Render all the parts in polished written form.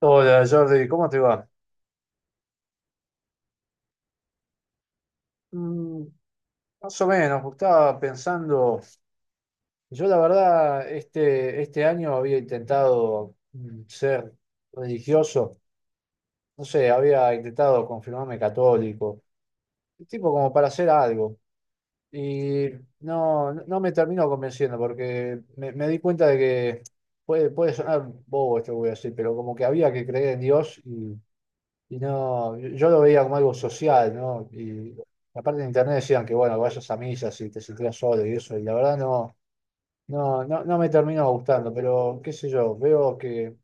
Hola Jordi, ¿cómo te va? Mm, Más o menos, estaba pensando, yo la verdad este año había intentado ser religioso, no sé, había intentado confirmarme católico, tipo como para hacer algo, y no, no me termino convenciendo porque me di cuenta de que puede, puede sonar bobo esto que voy a decir, pero como que había que creer en Dios. Y no, yo lo veía como algo social, ¿no? Y aparte en internet decían que, bueno, vayas a misa si te sentías solo y eso, y la verdad no, no, no, no me terminó gustando, pero qué sé yo, veo que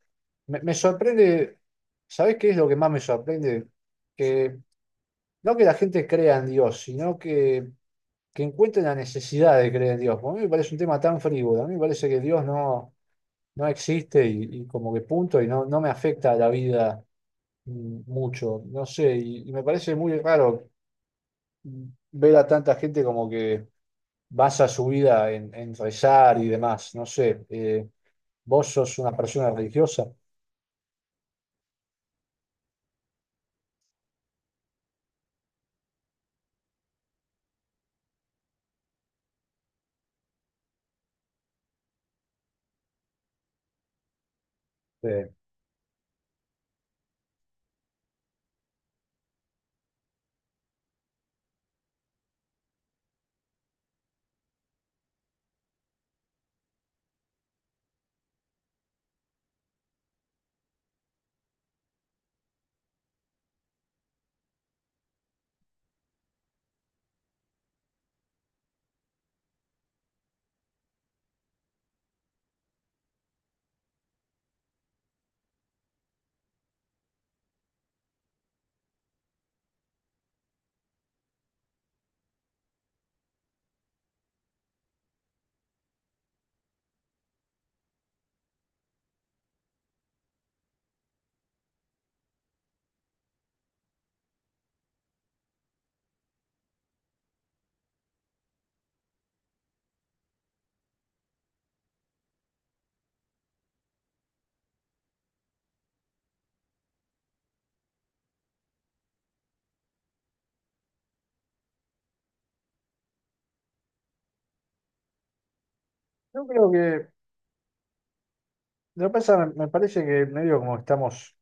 me sorprende. ¿Sabés qué es lo que más me sorprende? Que no que la gente crea en Dios, sino que encuentre la necesidad de creer en Dios. Porque a mí me parece un tema tan frívolo, a mí me parece que Dios no, no existe y como que punto, y no, no me afecta a la vida mucho, no sé, y me parece muy raro ver a tanta gente como que basa su vida en rezar y demás, no sé, vos sos una persona religiosa. Sí. Yo creo que Lo que pasa, me parece que medio como estamos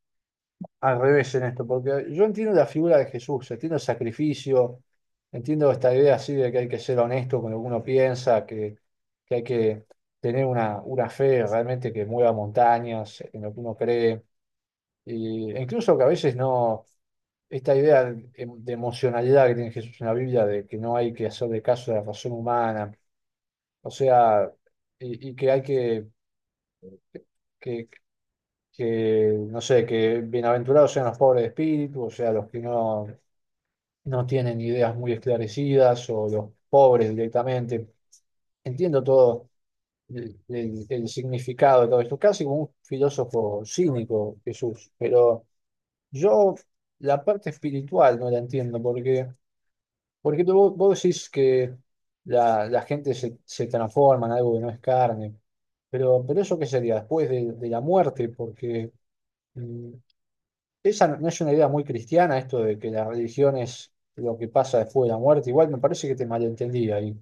al revés en esto, porque yo entiendo la figura de Jesús, entiendo el sacrificio, entiendo esta idea así de que hay que ser honesto con lo que uno piensa, que hay que tener una fe realmente que mueva montañas en lo que uno cree, e incluso que a veces no, esta idea de emocionalidad que tiene Jesús en la Biblia, de que no hay que hacer de caso de la razón humana. O sea, y que hay que, que, no sé, que bienaventurados sean los pobres de espíritu, o sea, los que no, no tienen ideas muy esclarecidas o los pobres directamente. Entiendo todo el significado de todo esto, casi como un filósofo cínico, Jesús, pero yo la parte espiritual no la entiendo. Porque... Porque vos decís que la gente se transforma en algo que no es carne, pero ¿eso qué sería? Después de la muerte, porque mm, esa no no es una idea muy cristiana, esto de que la religión es lo que pasa después de la muerte. Igual me parece que te malentendí ahí.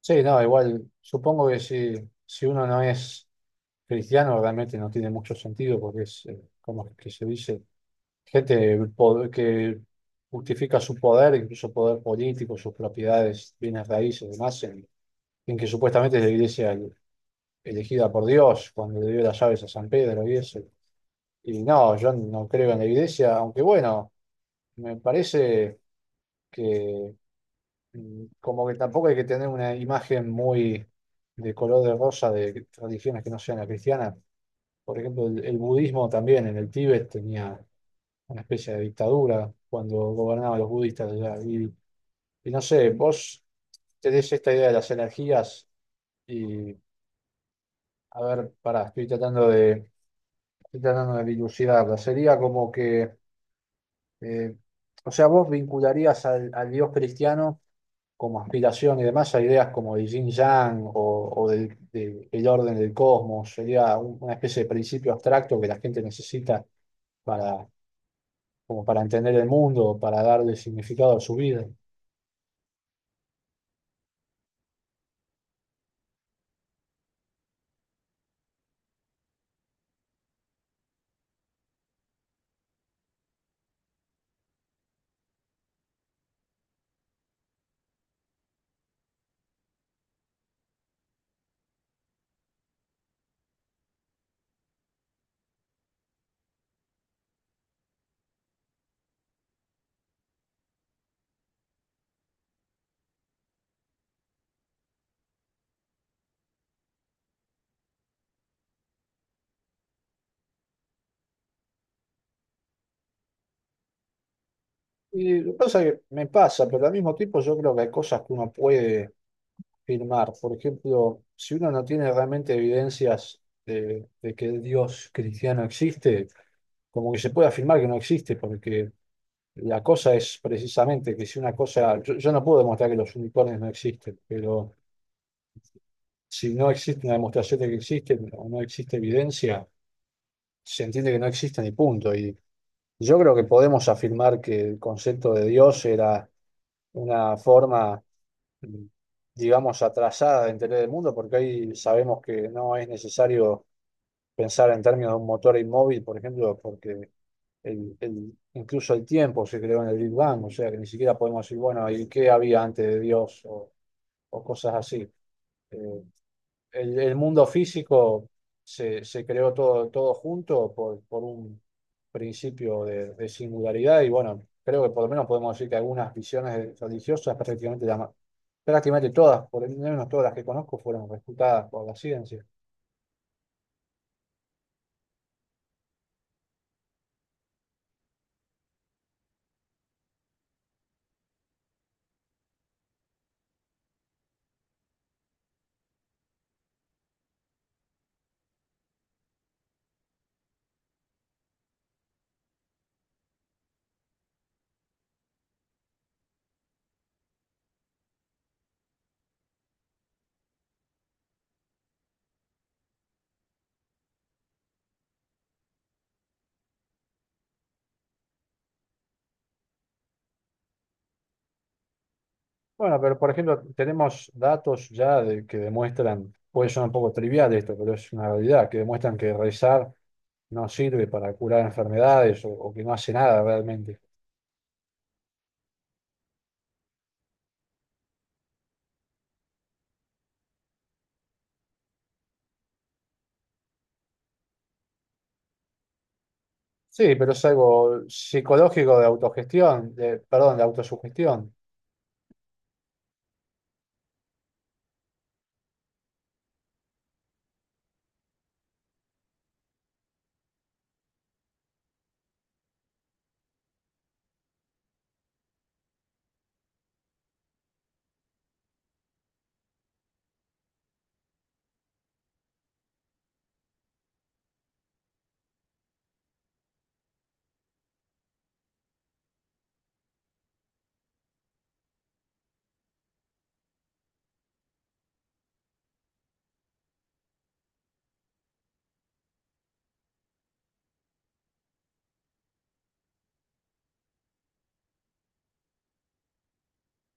Sí, no, igual supongo que si, si uno no es cristiano realmente no tiene mucho sentido porque es como que se dice. Gente que justifica su poder, incluso poder político, sus propiedades, bienes raíces demás, en que supuestamente es la iglesia elegida por Dios cuando le dio las llaves a San Pedro y eso. Y no, yo no creo en la iglesia, aunque bueno, me parece que como que tampoco hay que tener una imagen muy de color de rosa de religiones que no sean la cristiana. Por ejemplo, el budismo también en el Tíbet tenía una especie de dictadura cuando gobernaban los budistas allá. Y no sé, vos tenés esta idea de las energías y, a ver, pará, estoy tratando de dilucidarla. Sería como que, eh, o sea, vos vincularías al Dios cristiano como aspiración y demás a ideas como de Yin Yang o el orden del cosmos. Sería una especie de principio abstracto que la gente necesita, como para entender el mundo, para darle significado a su vida. Y lo que pasa es que me pasa, pero al mismo tiempo yo creo que hay cosas que uno puede firmar. Por ejemplo, si uno no tiene realmente evidencias de que el Dios cristiano existe, como que se puede afirmar que no existe, porque la cosa es precisamente que si una cosa, yo no puedo demostrar que los unicornios no existen, pero si no existe una demostración de que existen o no existe evidencia, se entiende que no existen y punto. Y yo creo que podemos afirmar que el concepto de Dios era una forma, mm, digamos, atrasada de entender el mundo, porque hoy sabemos que no es necesario pensar en términos de un motor inmóvil, por ejemplo, porque incluso el tiempo se creó en el Big Bang, o sea que ni siquiera podemos decir, bueno, ¿y qué había antes de Dios? O cosas así. Eh, el mundo físico se creó todo junto por un principio de singularidad y bueno, creo que por lo menos podemos decir que algunas visiones religiosas, prácticamente, prácticamente todas, por lo menos todas las que conozco, fueron refutadas por la ciencia. Bueno, pero por ejemplo, tenemos datos ya que demuestran, puede sonar un poco trivial esto, pero es una realidad, que demuestran que rezar no sirve para curar enfermedades o que no hace nada realmente. Sí, pero es algo psicológico de autogestión, de, perdón, de autosugestión.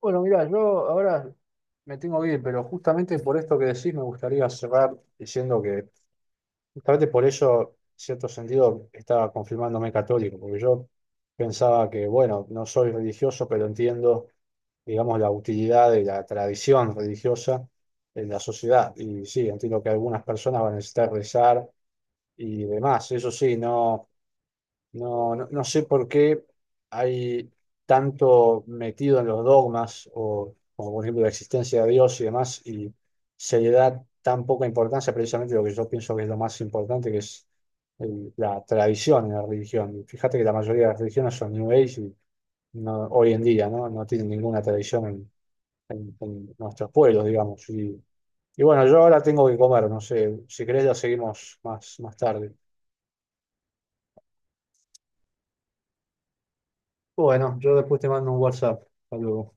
Bueno, mira, yo ahora me tengo que ir, pero justamente por esto que decís me gustaría cerrar diciendo que justamente por eso, en cierto sentido, estaba confirmándome católico, porque yo pensaba que, bueno, no soy religioso, pero entiendo, digamos, la utilidad de la tradición religiosa en la sociedad. Y sí, entiendo que algunas personas van a necesitar rezar y demás. Eso sí, no. No, no, no sé por qué hay tanto metido en los dogmas, o como por ejemplo la existencia de Dios y demás, y se le da tan poca importancia precisamente a lo que yo pienso que es lo más importante, que es la tradición en la religión. Y fíjate que la mayoría de las religiones son New Age y hoy en día, ¿no? No tienen ninguna tradición en, en nuestros pueblos, digamos. Y bueno, yo ahora tengo que comer, no sé, si querés ya seguimos más tarde. Bueno, yo después te mando un WhatsApp. Hasta